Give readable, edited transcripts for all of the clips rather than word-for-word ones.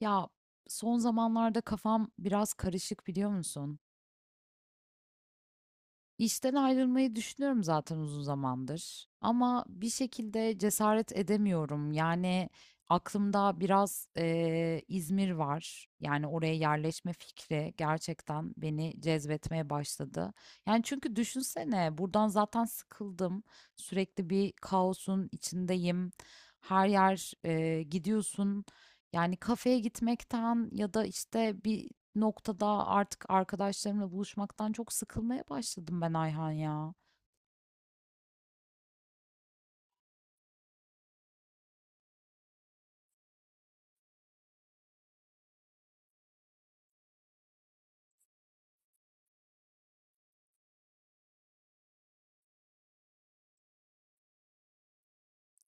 Ya son zamanlarda kafam biraz karışık biliyor musun? İşten ayrılmayı düşünüyorum zaten uzun zamandır. Ama bir şekilde cesaret edemiyorum. Yani aklımda biraz İzmir var. Yani oraya yerleşme fikri gerçekten beni cezbetmeye başladı. Yani çünkü düşünsene buradan zaten sıkıldım. Sürekli bir kaosun içindeyim. Her yer gidiyorsun. Yani kafeye gitmekten ya da işte bir noktada artık arkadaşlarımla buluşmaktan çok sıkılmaya başladım ben Ayhan ya.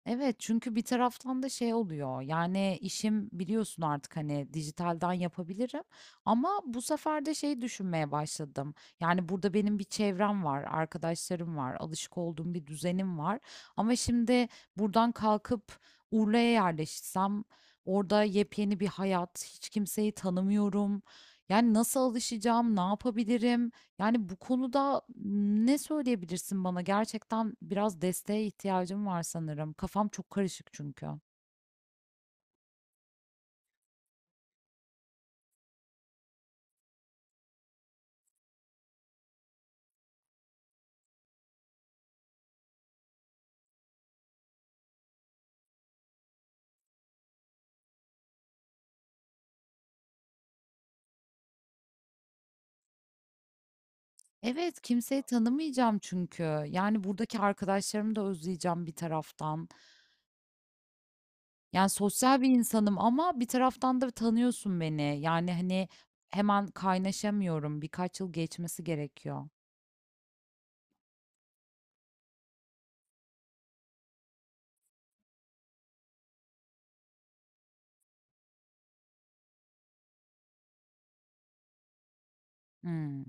Evet, çünkü bir taraftan da şey oluyor, yani işim biliyorsun artık hani dijitalden yapabilirim, ama bu sefer de şey düşünmeye başladım. Yani burada benim bir çevrem var, arkadaşlarım var, alışık olduğum bir düzenim var, ama şimdi buradan kalkıp Urla'ya yerleşsem, orada yepyeni bir hayat, hiç kimseyi tanımıyorum. Yani nasıl alışacağım, ne yapabilirim? Yani bu konuda ne söyleyebilirsin bana? Gerçekten biraz desteğe ihtiyacım var sanırım. Kafam çok karışık çünkü. Evet, kimseyi tanımayacağım çünkü. Yani buradaki arkadaşlarımı da özleyeceğim bir taraftan. Yani sosyal bir insanım, ama bir taraftan da tanıyorsun beni. Yani hani hemen kaynaşamıyorum. Birkaç yıl geçmesi gerekiyor. Hmm.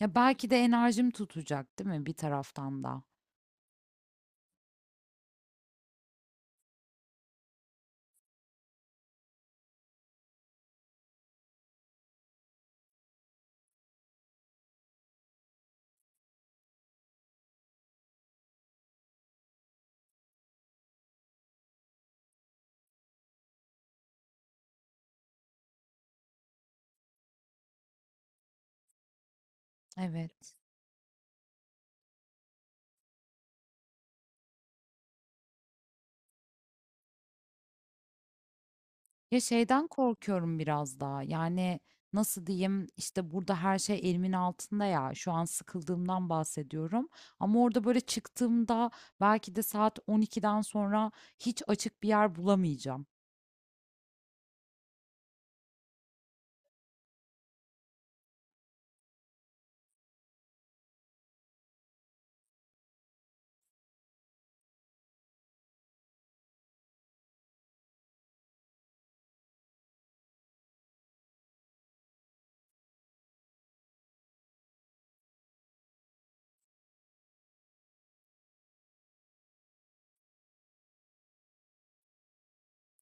Ya belki de enerjim tutacak, değil mi bir taraftan da? Evet. Ya şeyden korkuyorum biraz daha. Yani nasıl diyeyim, işte burada her şey elimin altında ya. Şu an sıkıldığımdan bahsediyorum. Ama orada böyle çıktığımda belki de saat 12'den sonra hiç açık bir yer bulamayacağım.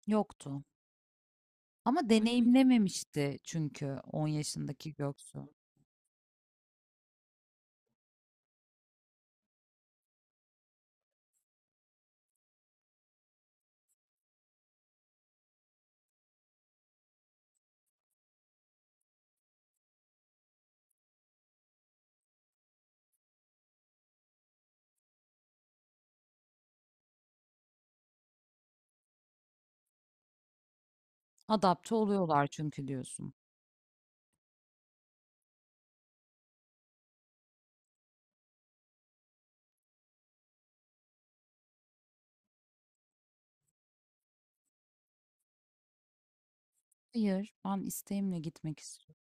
Yoktu. Ama deneyimlememişti çünkü 10 yaşındaki Göksu. Adapte oluyorlar çünkü diyorsun. Hayır, ben isteğimle gitmek istiyorum.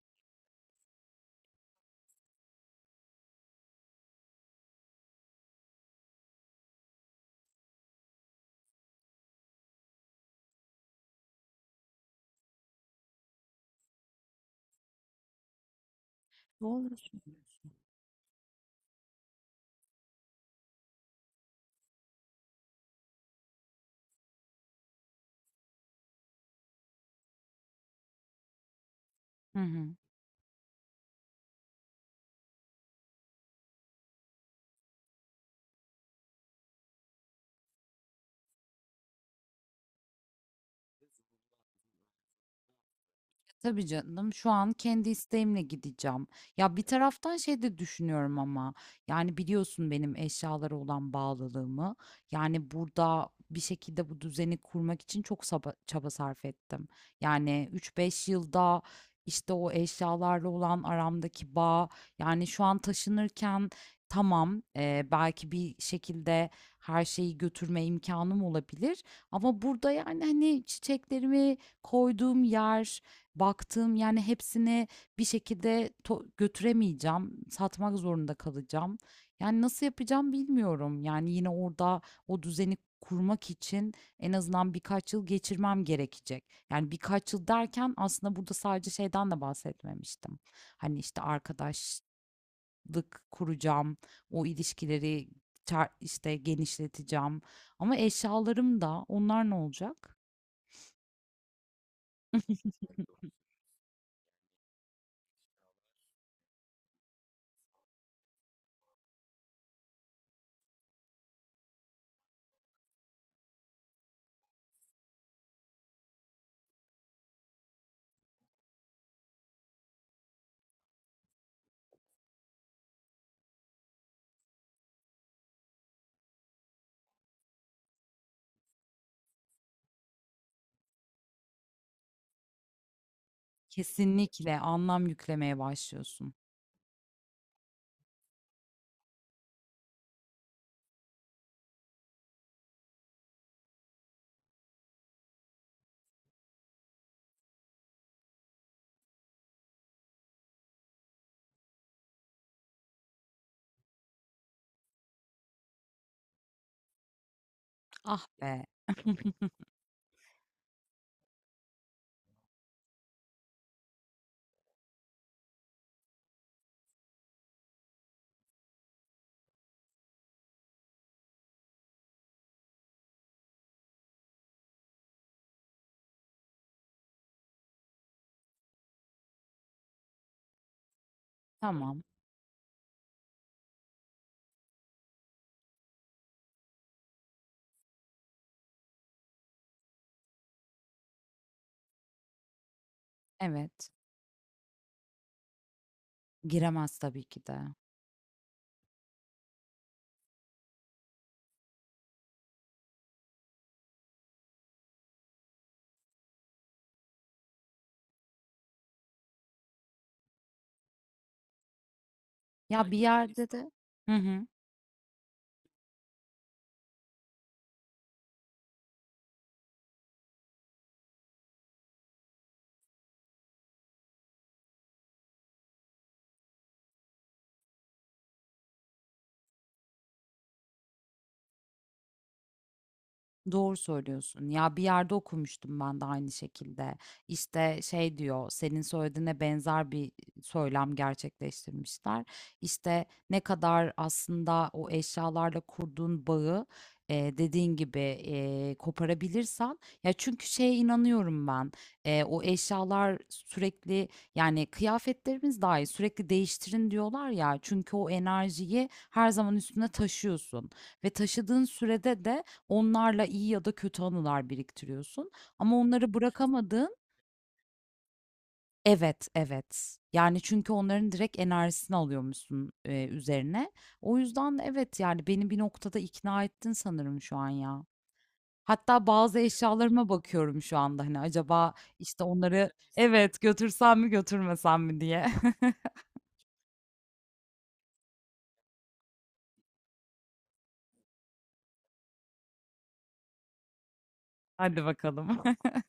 Doğru söylüyorsun. Hı hı. Tabii canım, şu an kendi isteğimle gideceğim. Ya bir taraftan şey de düşünüyorum, ama yani biliyorsun benim eşyalara olan bağlılığımı. Yani burada bir şekilde bu düzeni kurmak için çok çaba sarf ettim. Yani üç beş yılda işte o eşyalarla olan aramdaki bağ, yani şu an taşınırken, tamam, belki bir şekilde her şeyi götürme imkanım olabilir. Ama burada yani hani çiçeklerimi koyduğum yer, baktığım, yani hepsini bir şekilde götüremeyeceğim, satmak zorunda kalacağım. Yani nasıl yapacağım bilmiyorum. Yani yine orada o düzeni kurmak için en azından birkaç yıl geçirmem gerekecek. Yani birkaç yıl derken aslında burada sadece şeyden de bahsetmemiştim. Hani işte arkadaşlık kuracağım, o ilişkileri işte genişleteceğim. Ama eşyalarım da, onlar ne olacak? Kesinlikle anlam yüklemeye başlıyorsun. Ah be. Tamam. Evet. Giremez tabii ki de. Ya bir, aynen öyle. Yerde de. Hı hı. Doğru söylüyorsun. Ya bir yerde okumuştum ben de aynı şekilde. İşte şey diyor, senin söylediğine benzer bir söylem gerçekleştirmişler. İşte ne kadar aslında o eşyalarla kurduğun bağı dediğin gibi koparabilirsen. Ya çünkü şeye inanıyorum ben. O eşyalar sürekli, yani kıyafetlerimiz dahi sürekli değiştirin diyorlar ya. Çünkü o enerjiyi her zaman üstüne taşıyorsun ve taşıdığın sürede de onlarla iyi ya da kötü anılar biriktiriyorsun, ama onları bırakamadığın... Evet, evet. Yani çünkü onların direkt enerjisini alıyormuşsun, üzerine. O yüzden evet, yani beni bir noktada ikna ettin sanırım şu an ya. Hatta bazı eşyalarıma bakıyorum şu anda, hani acaba işte onları, evet götürsem mi götürmesem mi diye. Hadi bakalım.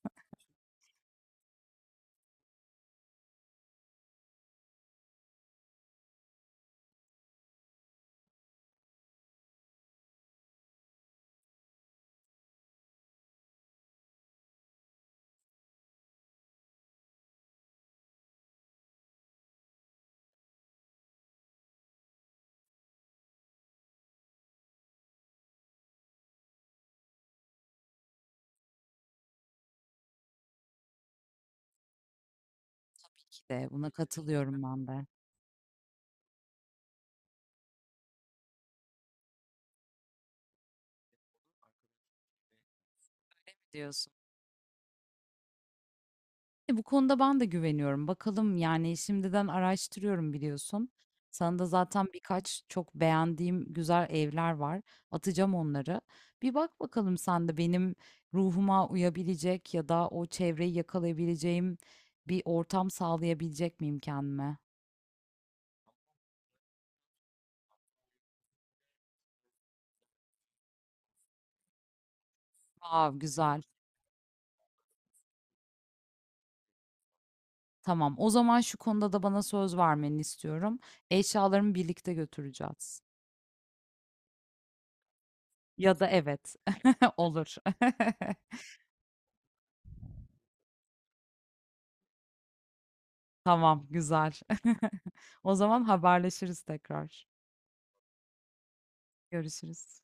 İşte buna katılıyorum ben de. Diyorsun. Bu konuda ben de güveniyorum. Bakalım, yani, şimdiden araştırıyorum biliyorsun. Sana da zaten birkaç çok beğendiğim güzel evler var. Atacağım onları. Bir bak bakalım, sen de benim ruhuma uyabilecek ya da o çevreyi yakalayabileceğim bir ortam sağlayabilecek miyim kendime? Vav, güzel. Tamam. O zaman şu konuda da bana söz vermeni istiyorum. Eşyalarımı birlikte götüreceğiz. Ya da evet. Olur. Tamam, güzel. O zaman haberleşiriz tekrar. Görüşürüz.